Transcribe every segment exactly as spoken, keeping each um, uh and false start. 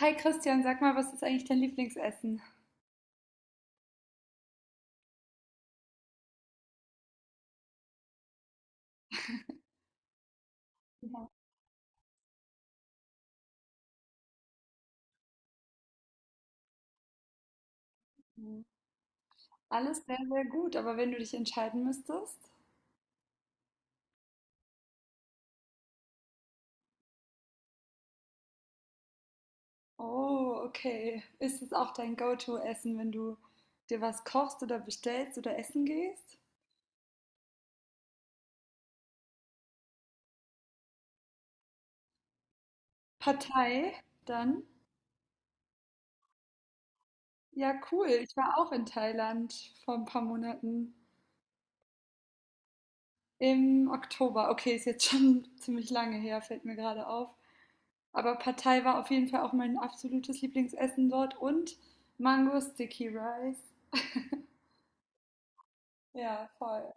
Hi Christian, sag mal, was ist eigentlich dein Lieblingsessen? Ja. Alles sehr, sehr gut, aber wenn du dich entscheiden müsstest? Oh, okay. Ist es auch dein Go-To-Essen, wenn du dir was kochst oder bestellst oder essen gehst? Partei, dann? Ja, cool. Ich war auch in Thailand vor ein paar Monaten. Im Oktober. Okay, ist jetzt schon ziemlich lange her, fällt mir gerade auf. Aber Partei war auf jeden Fall auch mein absolutes Lieblingsessen dort und Mango Sticky Rice. Ja, voll.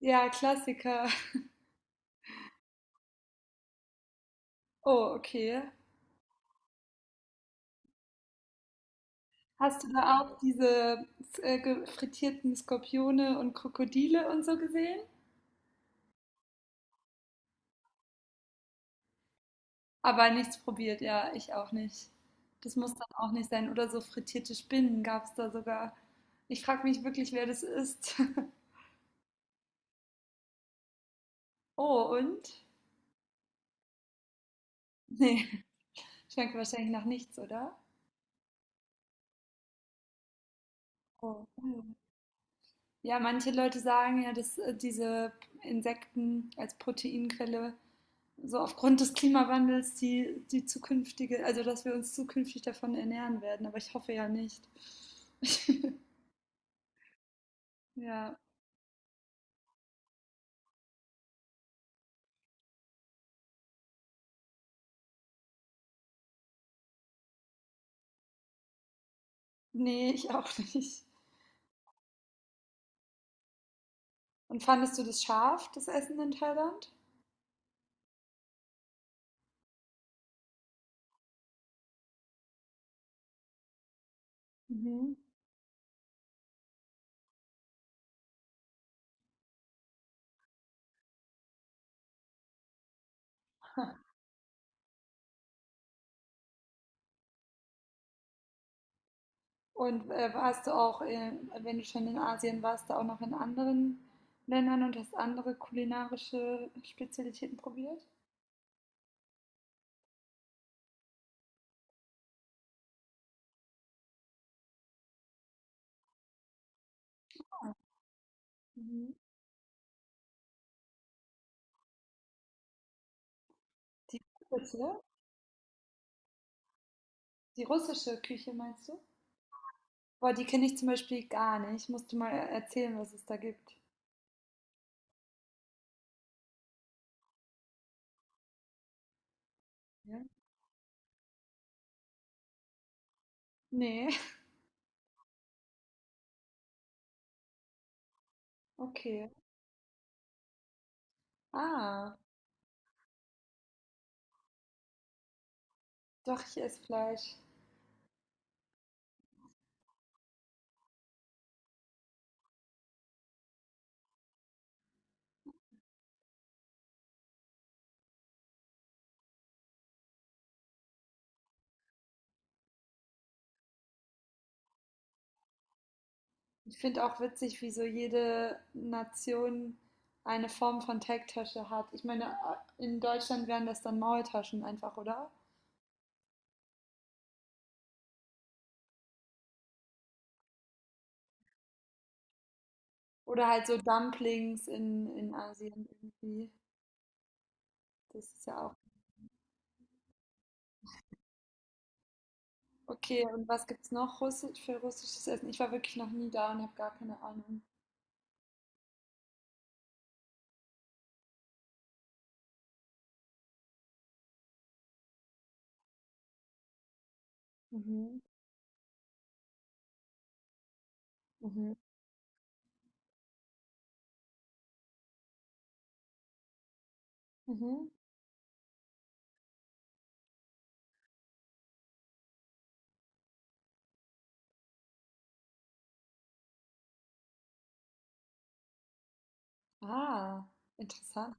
Ja, Klassiker. Oh, okay. Hast du da auch diese äh, ge- frittierten Skorpione und Krokodile und so gesehen? Aber nichts probiert, ja, ich auch nicht. Das muss dann auch nicht sein. Oder so frittierte Spinnen gab es da sogar. Ich frage mich wirklich, wer das ist. Oh, und? Nee, schmeckt wahrscheinlich nach nichts, oder? Oh. Cool. Ja, manche Leute sagen ja, dass äh, diese Insekten als Proteinquelle so aufgrund des Klimawandels die, die zukünftige, also dass wir uns zukünftig davon ernähren werden, aber ich hoffe ja nicht. Ja, nee, ich auch nicht. Und fandest du das scharf, das Essen in Thailand? Mhm. Und äh, warst du auch, äh, wenn du schon in Asien warst, da auch noch in anderen Ländern und hast andere kulinarische Spezialitäten probiert? Mhm. Die russische, die russische Küche meinst du? Boah, die kenne ich zum Beispiel gar nicht. Musst du mal äh, erzählen, was es da gibt. Ja. Ne, okay. Ah, doch, ich esse Fleisch. Ich finde auch witzig, wie so jede Nation eine Form von Teigtasche hat. Ich meine, in Deutschland wären das dann Maultaschen einfach, oder? Oder halt so Dumplings in, in Asien irgendwie. Das ist ja auch. Okay, und was gibt's noch Russi- für russisches Essen? Ich war wirklich noch nie da und habe gar keine Ahnung. Mhm. Ah, interessant.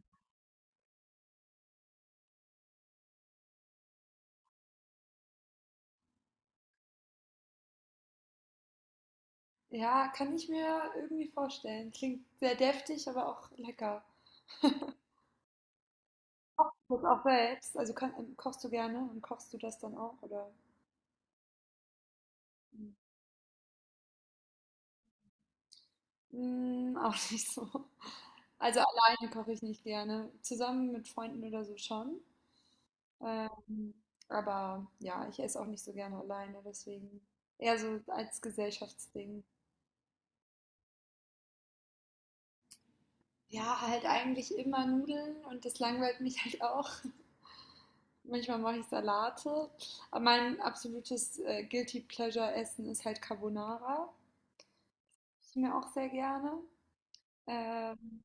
Ja, kann ich mir irgendwie vorstellen. Klingt sehr deftig, aber auch lecker. Kochst auch selbst? Also kann, ähm, kochst du gerne und kochst du das dann auch, oder? Mm, auch nicht so. Also alleine koche ich nicht gerne. Zusammen mit Freunden oder so schon. Ähm, aber ja, ich esse auch nicht so gerne alleine, deswegen eher so als Gesellschaftsding. Ja, halt eigentlich immer Nudeln und das langweilt mich halt auch. Manchmal mache ich Salate. Aber mein absolutes äh, Guilty Pleasure Essen ist halt Carbonara. Ich mir auch sehr gerne. Ähm,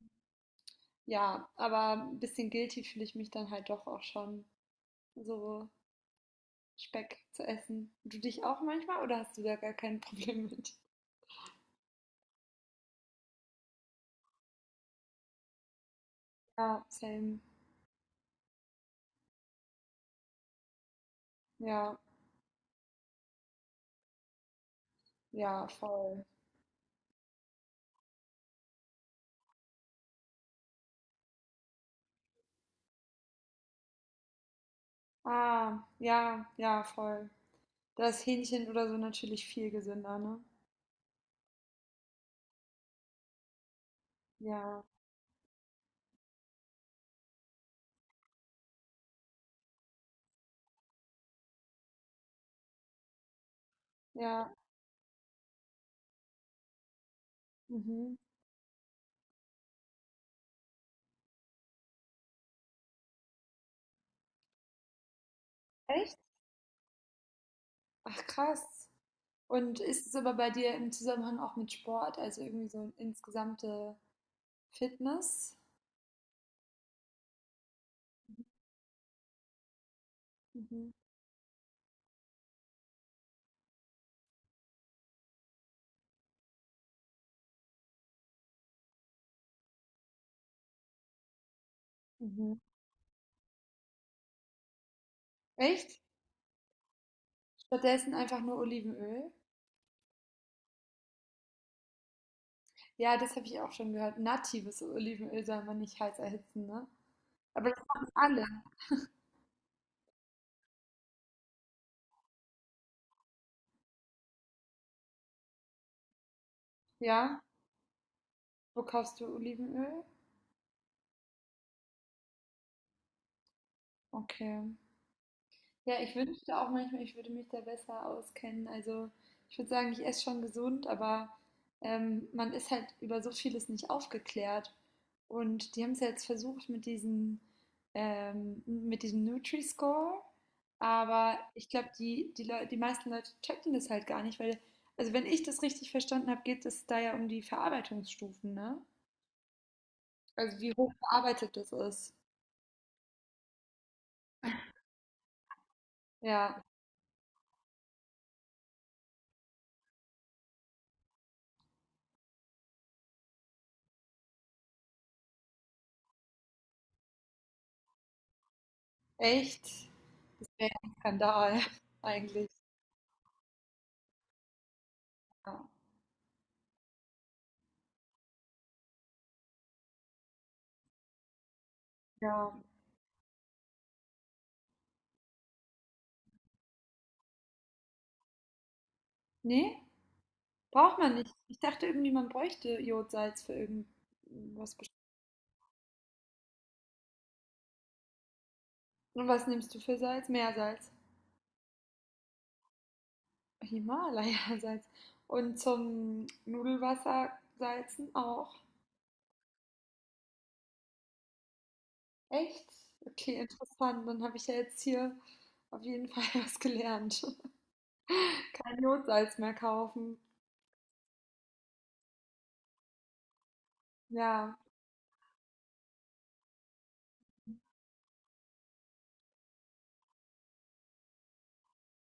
Ja, aber 'n bisschen guilty fühle ich mich dann halt doch auch schon, so Speck zu essen. Du dich auch manchmal oder hast du da gar kein Problem mit? Ja, same. Ja, ja, voll. Ah, ja, ja, voll. Da ist Hähnchen oder so natürlich viel gesünder, ne? Ja, ja, mhm. Echt? Ach krass. Und ist es aber bei dir im Zusammenhang auch mit Sport, also irgendwie so insgesamte Fitness? Mhm, mhm. Echt? Stattdessen einfach nur Olivenöl. Ja, das habe ich auch schon gehört. Natives Olivenöl soll man nicht heiß erhitzen, ne? Aber das machen alle, ja? Wo kaufst du Olivenöl? Okay. Ja, ich wünschte auch manchmal, ich würde mich da besser auskennen. Also ich würde sagen, ich esse schon gesund, aber ähm, man ist halt über so vieles nicht aufgeklärt. Und die haben es ja jetzt versucht mit diesem, ähm, mit diesem Nutri-Score, aber ich glaube, die, die, Leu die meisten Leute checken das halt gar nicht, weil, also wenn ich das richtig verstanden habe, geht es da ja um die Verarbeitungsstufen, ne? Also wie hoch verarbeitet das ist. Ja, echt. Das wäre ein Skandal eigentlich. Ja. Ja, nee, braucht man nicht. Ich dachte irgendwie, man bräuchte Jodsalz für irgendwas Bestimmtes. Und was nimmst du für Salz? Meersalz. Himalaya-Salz. Und zum Nudelwasser salzen auch. Echt? Okay, interessant. Dann habe ich ja jetzt hier auf jeden Fall was gelernt. Kein Jodsalz mehr kaufen. Ja,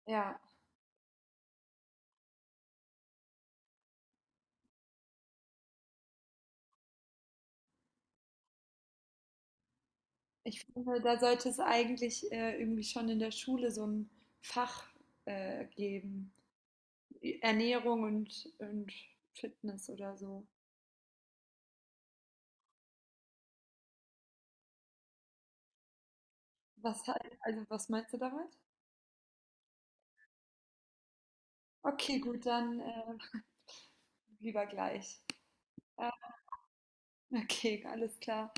ja. Ich finde, da sollte es eigentlich äh, irgendwie schon in der Schule so ein Fach äh, geben. Ernährung und, und Fitness oder so. Was halt, also was meinst du damit? Okay, gut, dann äh, lieber gleich. Ja, okay, alles klar.